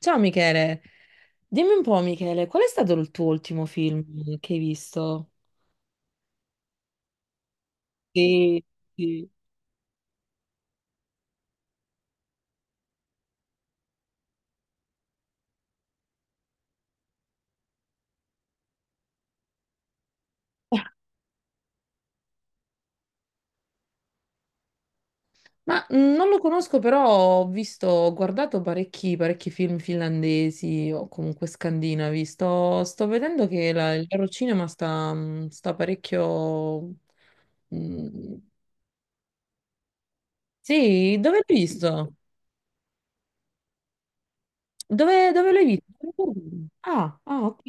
Ciao Michele, dimmi un po' Michele, qual è stato il tuo ultimo film che hai visto? Sì, sì. Ma non lo conosco, però ho guardato parecchi, parecchi film finlandesi o comunque scandinavi. Sto vedendo che il loro cinema sta parecchio. mh, Sì, dove l'hai visto? Dove l'hai visto? Ah, ah, ok.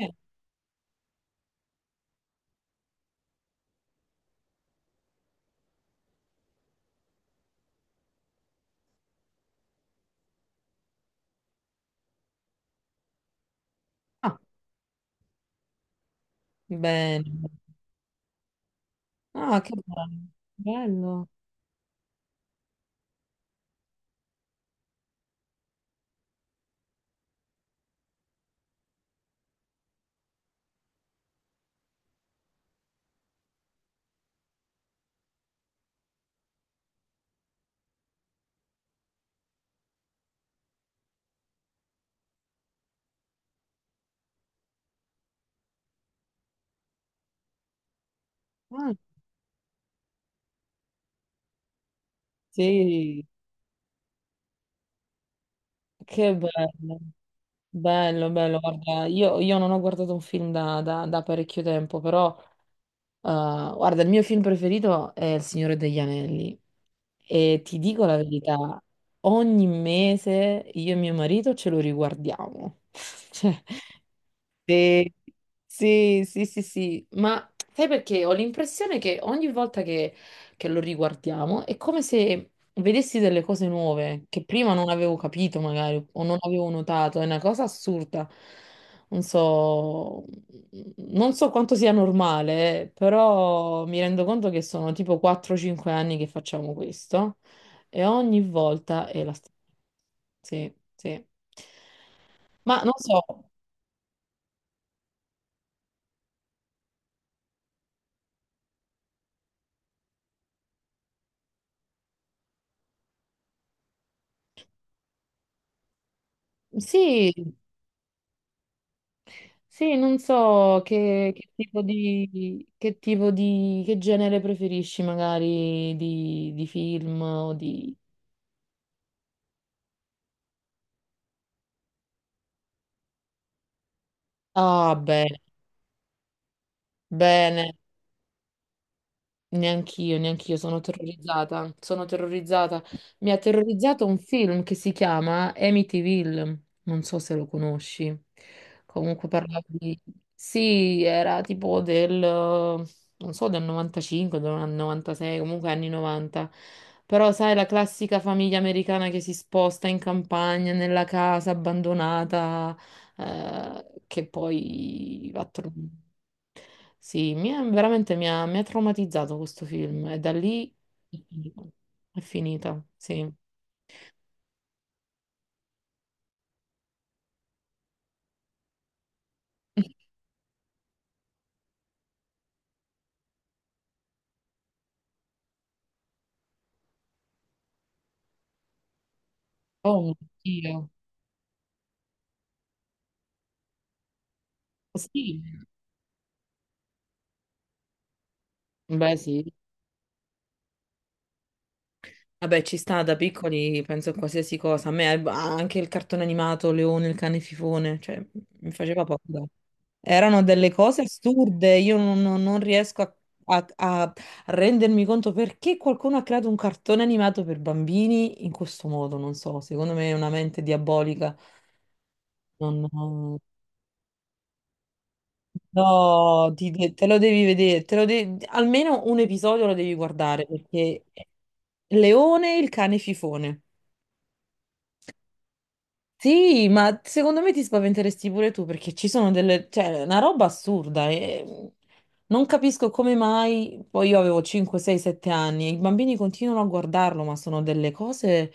Ah, bene. Ah, che bello. Bello. Ah. Sì. Che bello, bello, bello. Guarda, io non ho guardato un film da parecchio tempo, però guarda, il mio film preferito è Il Signore degli Anelli, e ti dico la verità, ogni mese io e mio marito ce lo riguardiamo. Cioè, sì, sì, sì, sì, sì, ma sai perché ho l'impressione che ogni volta che, lo riguardiamo è come se vedessi delle cose nuove che prima non avevo capito magari o non avevo notato, è una cosa assurda. Non so, non so quanto sia normale, però mi rendo conto che sono tipo 4-5 anni che facciamo questo e ogni volta è la stessa. Sì, sì. Ma non so, sì. Sì, non so che genere preferisci magari di film o di... Ah, bene, bene. Neanch'io, neanch'io sono terrorizzata, sono terrorizzata. Mi ha terrorizzato un film che si chiama Amityville, non so se lo conosci. Comunque parlava di... Sì, era tipo del, non so, del 95, del 96, comunque anni 90. Però sai, la classica famiglia americana che si sposta in campagna, nella casa abbandonata, che poi va a trovare. Sì, veramente mi ha traumatizzato questo film, e da lì è finita. È finita, sì. Oh, oddio. Sì. Beh, sì. Vabbè, ci sta da piccoli, penso a qualsiasi cosa. A me anche il cartone animato, Leone, il cane fifone, cioè mi faceva paura. Erano delle cose assurde, io non riesco a- a rendermi conto perché qualcuno ha creato un cartone animato per bambini in questo modo, non so, secondo me è una mente diabolica. Non- No, te lo devi vedere, almeno un episodio lo devi guardare, perché Leone il cane fifone. Sì, ma secondo me ti spaventeresti pure tu perché ci sono delle, cioè, una roba assurda, e non capisco come mai, poi io avevo 5, 6, 7 anni e i bambini continuano a guardarlo, ma sono delle cose...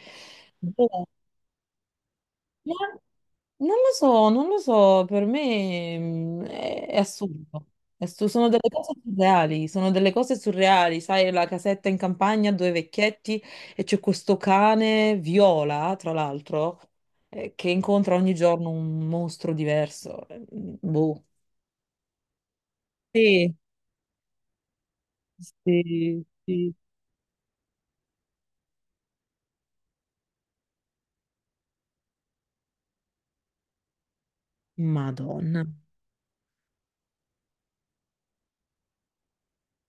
Non lo so, non lo so, per me è assurdo. Sono delle cose surreali, sono delle cose surreali, sai, la casetta in campagna, due vecchietti, e c'è questo cane viola, tra l'altro, che incontra ogni giorno un mostro diverso. Boh. Sì, sì, sì. Madonna,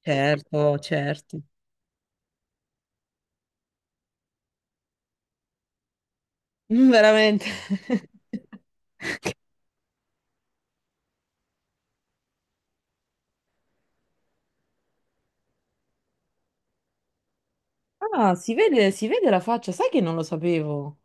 certo, certo. Veramente. Ah, si vede la faccia, sai che non lo sapevo.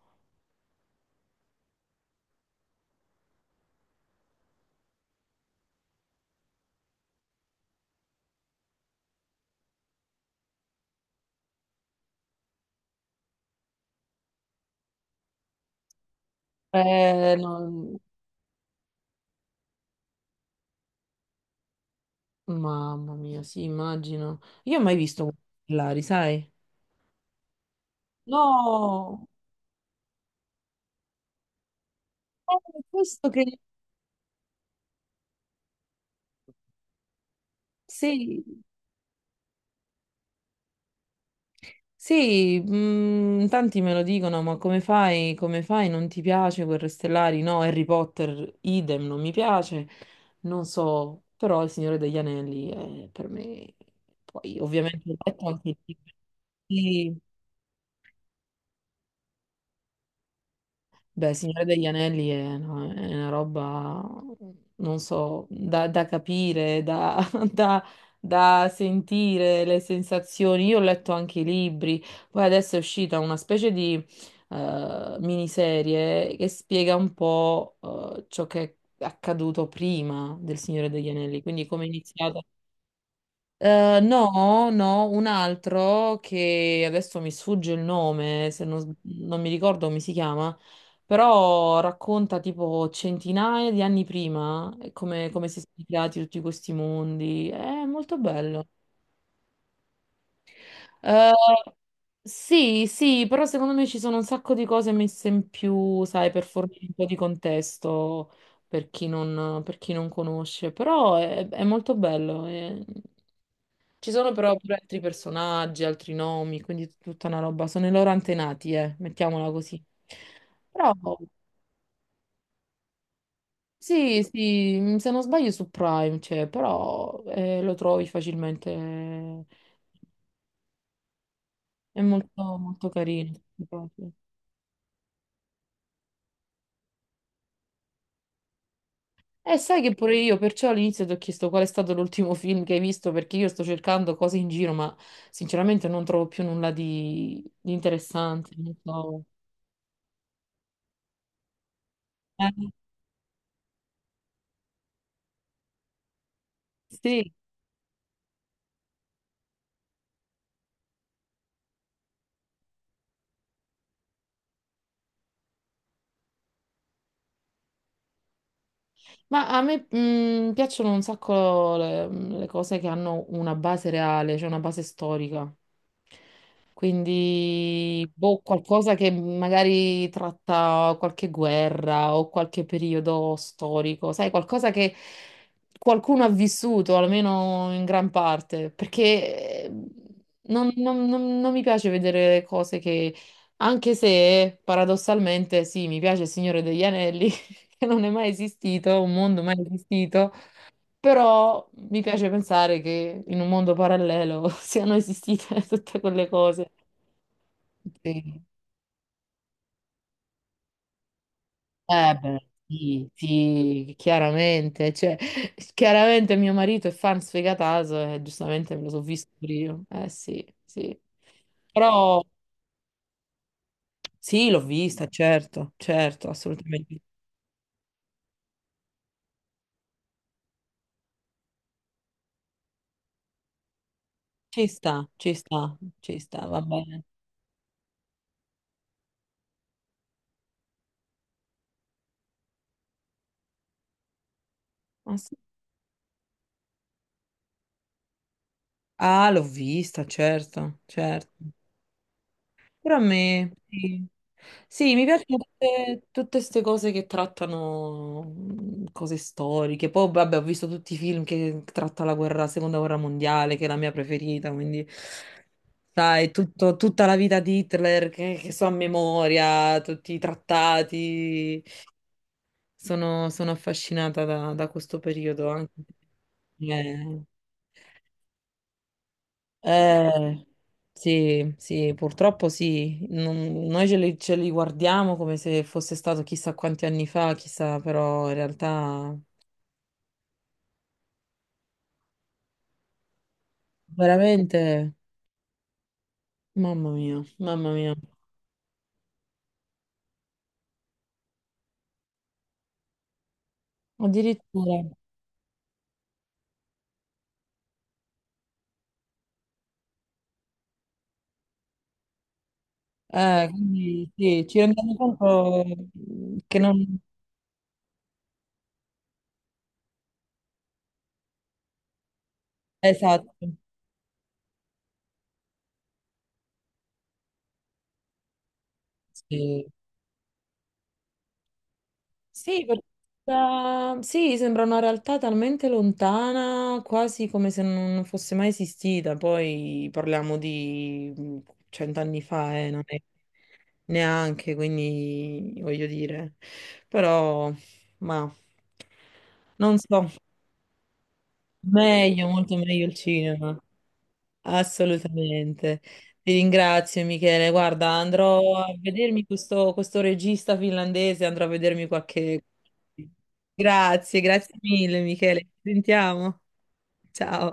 No. Mamma mia, sì, immagino. Io ho mai visto Lari, sai? No. Questo che... Sì, sì, tanti me lo dicono, ma come fai, come fai? Non ti piace Guerre Stellari? No, Harry Potter, idem, non mi piace. Non so, però Il Signore degli Anelli è per me... Poi, ovviamente, ho letto anche il libro. Beh, Signore degli Anelli è, no, è una roba, non so, da capire, da, da- da sentire le sensazioni. Io ho letto anche i libri, poi adesso è uscita una specie di miniserie che spiega un po' ciò che è accaduto prima del Signore degli Anelli, quindi come è iniziata, no, no, un altro che adesso mi sfugge il nome, se non, s- non mi ricordo come si chiama, però racconta tipo centinaia di anni prima, come si sono creati tutti questi mondi. È molto bello. Eh, sì, sì, però secondo me ci sono un sacco di cose messe in più, sai, per fornire un po' di contesto per chi non conosce, però è molto bello. Ci sono però pure altri personaggi, altri nomi, quindi tutta una roba. Sono i loro antenati, mettiamola così. Però sì, sì, se non sbaglio su Prime c'è, però lo trovi facilmente. È molto, molto carino. Proprio. E sai che pure io, perciò all'inizio ti ho chiesto qual è stato l'ultimo film che hai visto, perché io sto cercando cose in giro, ma sinceramente non trovo più nulla di interessante. Non so. Eh, sì. Ma a me piacciono un sacco le cose che hanno una base reale, cioè una base storica. Quindi, boh, qualcosa che magari tratta qualche guerra o qualche periodo storico, sai, qualcosa che qualcuno ha vissuto, almeno in gran parte, perché non, non mi piace vedere cose che, anche se paradossalmente, sì, mi piace Il Signore degli Anelli, che non è mai esistito, un mondo mai esistito, però mi piace pensare che in un mondo parallelo siano esistite tutte quelle cose. Sì. Eh beh, sì, sì, chiaramente. Cioè, chiaramente mio marito è fan sfegatato e giustamente me lo so visto io. Eh sì, sì. Però sì, l'ho vista, certo, certo, assolutamente. Ci sta, ci sta, ci sta, va bene. Ah, sì. Ah, l'ho vista, certo, certo. Però a me, sì. Sì, mi piacciono tutte queste cose che trattano cose storiche. Poi, vabbè, ho visto tutti i film che tratta la guerra, la seconda guerra mondiale, che è la mia preferita, quindi, sai, tutta la vita di Hitler che, so a memoria, tutti i trattati. Sono affascinata da questo periodo anche. Eh. Eh, sì, sì, purtroppo sì. Noi ce li guardiamo come se fosse stato chissà quanti anni fa, chissà, però in realtà veramente, mamma mia, mamma mia. Addirittura. Quindi sì, ci rendiamo conto che non... Esatto. Sì. Sì, sì, sembra una realtà talmente lontana, quasi come se non fosse mai esistita. Poi parliamo di cent'anni fa, non è neanche, quindi voglio dire. Però, ma non so, meglio, molto meglio il cinema. Assolutamente. Ti ringrazio Michele. Guarda, andrò a vedermi questo regista finlandese, andrò a vedermi qualche... Grazie, grazie mille Michele. Ci sentiamo. Ciao.